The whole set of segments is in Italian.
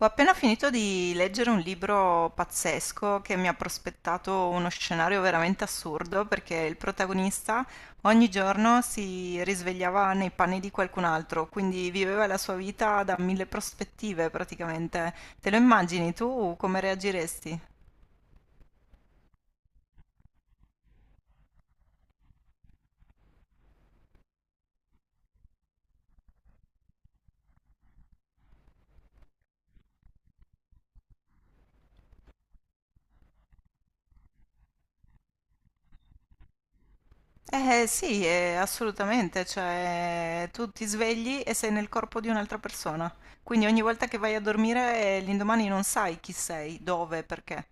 Ho appena finito di leggere un libro pazzesco che mi ha prospettato uno scenario veramente assurdo perché il protagonista ogni giorno si risvegliava nei panni di qualcun altro, quindi viveva la sua vita da mille prospettive praticamente. Te lo immagini tu come reagiresti? Eh sì, assolutamente, cioè tu ti svegli e sei nel corpo di un'altra persona, quindi ogni volta che vai a dormire, l'indomani non sai chi sei, dove, perché.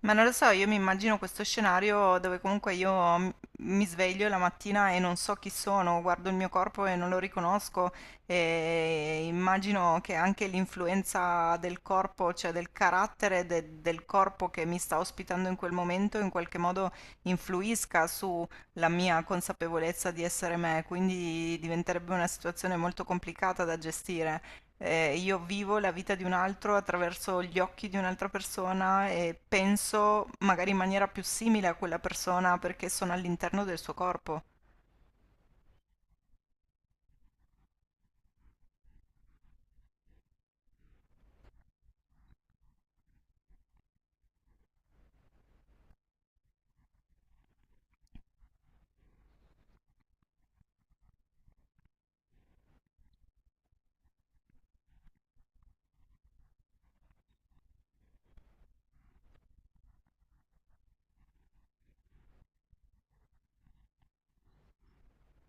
Ma non lo so, io mi immagino questo scenario dove comunque io mi sveglio la mattina e non so chi sono, guardo il mio corpo e non lo riconosco e immagino che anche l'influenza del corpo, cioè del carattere del corpo che mi sta ospitando in quel momento, in qualche modo influisca sulla mia consapevolezza di essere me, quindi diventerebbe una situazione molto complicata da gestire. Io vivo la vita di un altro attraverso gli occhi di un'altra persona e penso magari in maniera più simile a quella persona perché sono all'interno del suo corpo.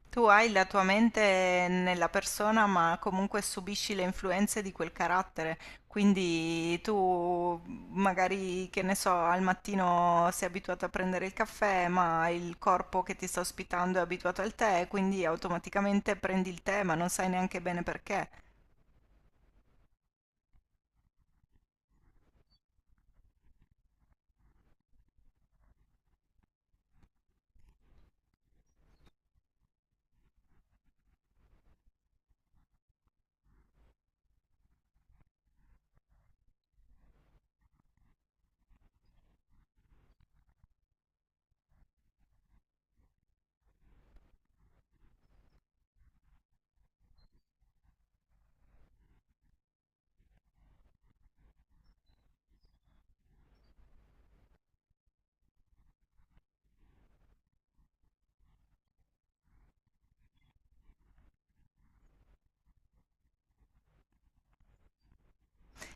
Tu hai la tua mente nella persona, ma comunque subisci le influenze di quel carattere. Quindi tu magari, che ne so, al mattino sei abituato a prendere il caffè, ma il corpo che ti sta ospitando è abituato al tè, quindi automaticamente prendi il tè, ma non sai neanche bene perché.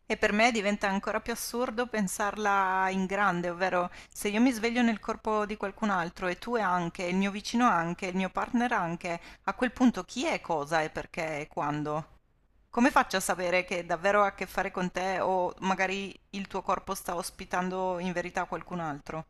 E per me diventa ancora più assurdo pensarla in grande, ovvero se io mi sveglio nel corpo di qualcun altro e tu anche, il mio vicino anche, il mio partner anche, a quel punto chi è cosa e perché e quando? Come faccio a sapere che davvero ha a che fare con te o magari il tuo corpo sta ospitando in verità qualcun altro?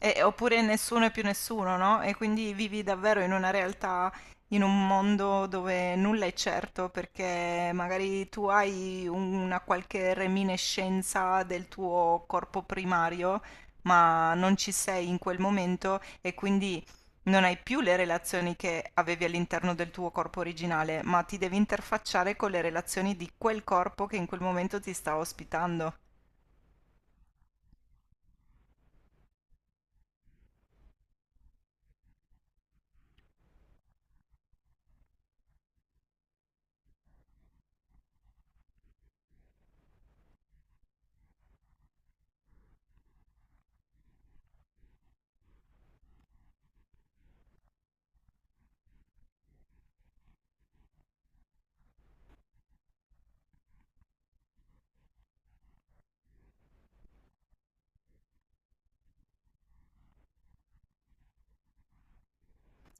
Oppure nessuno è più nessuno, no? E quindi vivi davvero in una realtà, in un mondo dove nulla è certo, perché magari tu hai una qualche reminiscenza del tuo corpo primario, ma non ci sei in quel momento e quindi non hai più le relazioni che avevi all'interno del tuo corpo originale, ma ti devi interfacciare con le relazioni di quel corpo che in quel momento ti sta ospitando.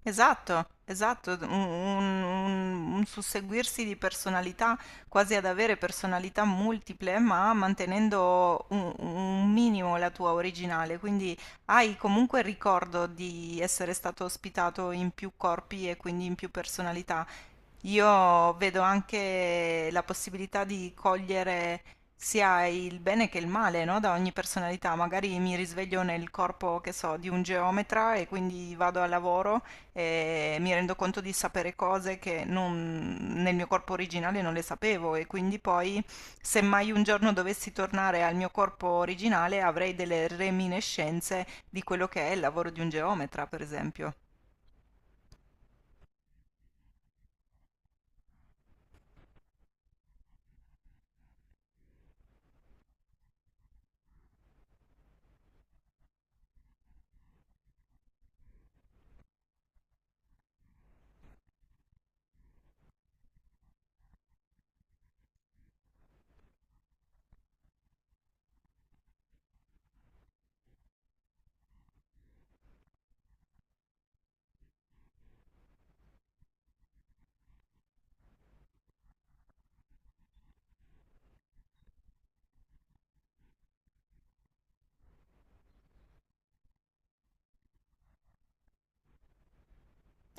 Esatto, esatto, un susseguirsi di personalità, quasi ad avere personalità multiple, ma mantenendo un minimo la tua originale. Quindi hai comunque il ricordo di essere stato ospitato in più corpi e quindi in più personalità. Io vedo anche la possibilità di cogliere sia il bene che il male, no? Da ogni personalità. Magari mi risveglio nel corpo, che so, di un geometra e quindi vado al lavoro, mi rendo conto di sapere cose che nel mio corpo originale non le sapevo e quindi poi se mai un giorno dovessi tornare al mio corpo originale avrei delle reminiscenze di quello che è il lavoro di un geometra, per esempio.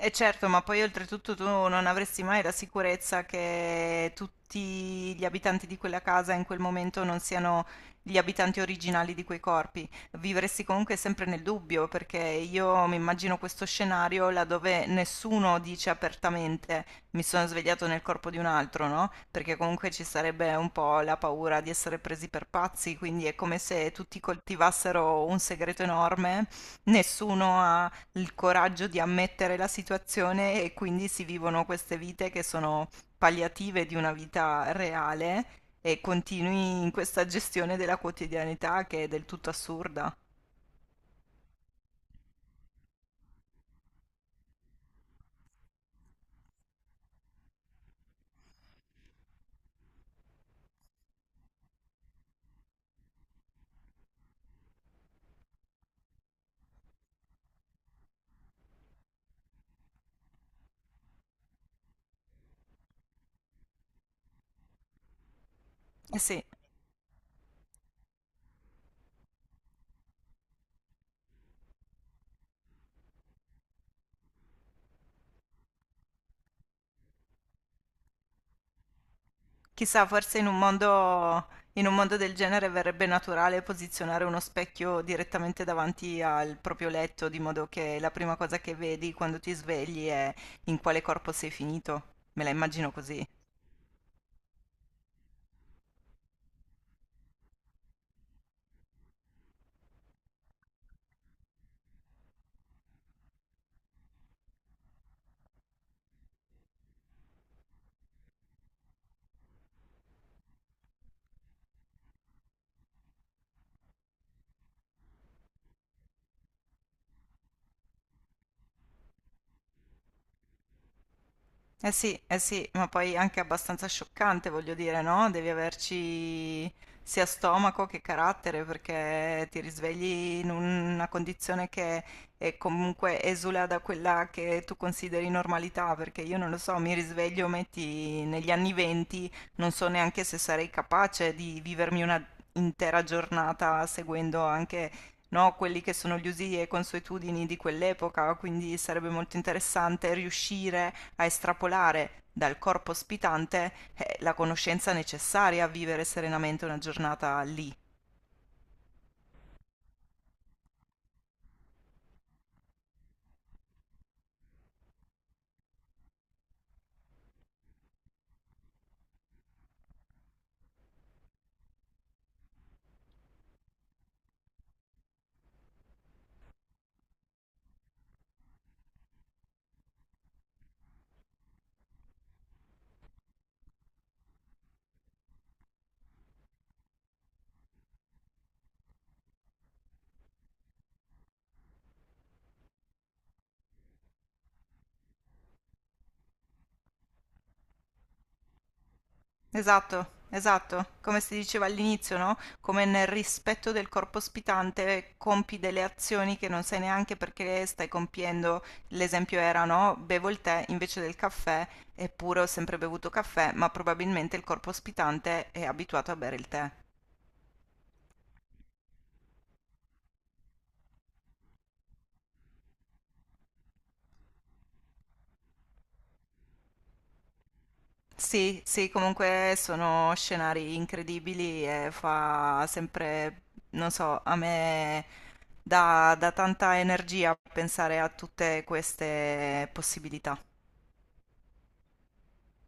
E certo, ma poi oltretutto tu non avresti mai la sicurezza che tutti gli abitanti di quella casa in quel momento non siano gli abitanti originali di quei corpi. Vivresti comunque sempre nel dubbio, perché io mi immagino questo scenario laddove nessuno dice apertamente mi sono svegliato nel corpo di un altro, no? Perché comunque ci sarebbe un po' la paura di essere presi per pazzi, quindi è come se tutti coltivassero un segreto enorme, nessuno ha il coraggio di ammettere la situazione e quindi si vivono queste vite che sono palliative di una vita reale e continui in questa gestione della quotidianità che è del tutto assurda. Eh sì, chissà, forse in un mondo del genere verrebbe naturale posizionare uno specchio direttamente davanti al proprio letto, di modo che la prima cosa che vedi quando ti svegli è in quale corpo sei finito. Me la immagino così. Sì, eh sì, ma poi anche abbastanza scioccante, voglio dire, no? Devi averci sia stomaco che carattere perché ti risvegli in una condizione che è comunque esula da quella che tu consideri normalità, perché io non lo so, mi risveglio, metti negli anni venti, non so neanche se sarei capace di vivermi una intera giornata seguendo anche no, quelli che sono gli usi e consuetudini di quell'epoca, quindi sarebbe molto interessante riuscire a estrapolare dal corpo ospitante, la conoscenza necessaria a vivere serenamente una giornata lì. Esatto, esatto, come si diceva all'inizio, no? Come nel rispetto del corpo ospitante compi delle azioni che non sai neanche perché le stai compiendo. L'esempio era, no? Bevo il tè invece del caffè, eppure ho sempre bevuto caffè, ma probabilmente il corpo ospitante è abituato a bere il tè. Sì, sì, comunque sono scenari incredibili e fa sempre, non so, a me dà tanta energia pensare a tutte queste possibilità.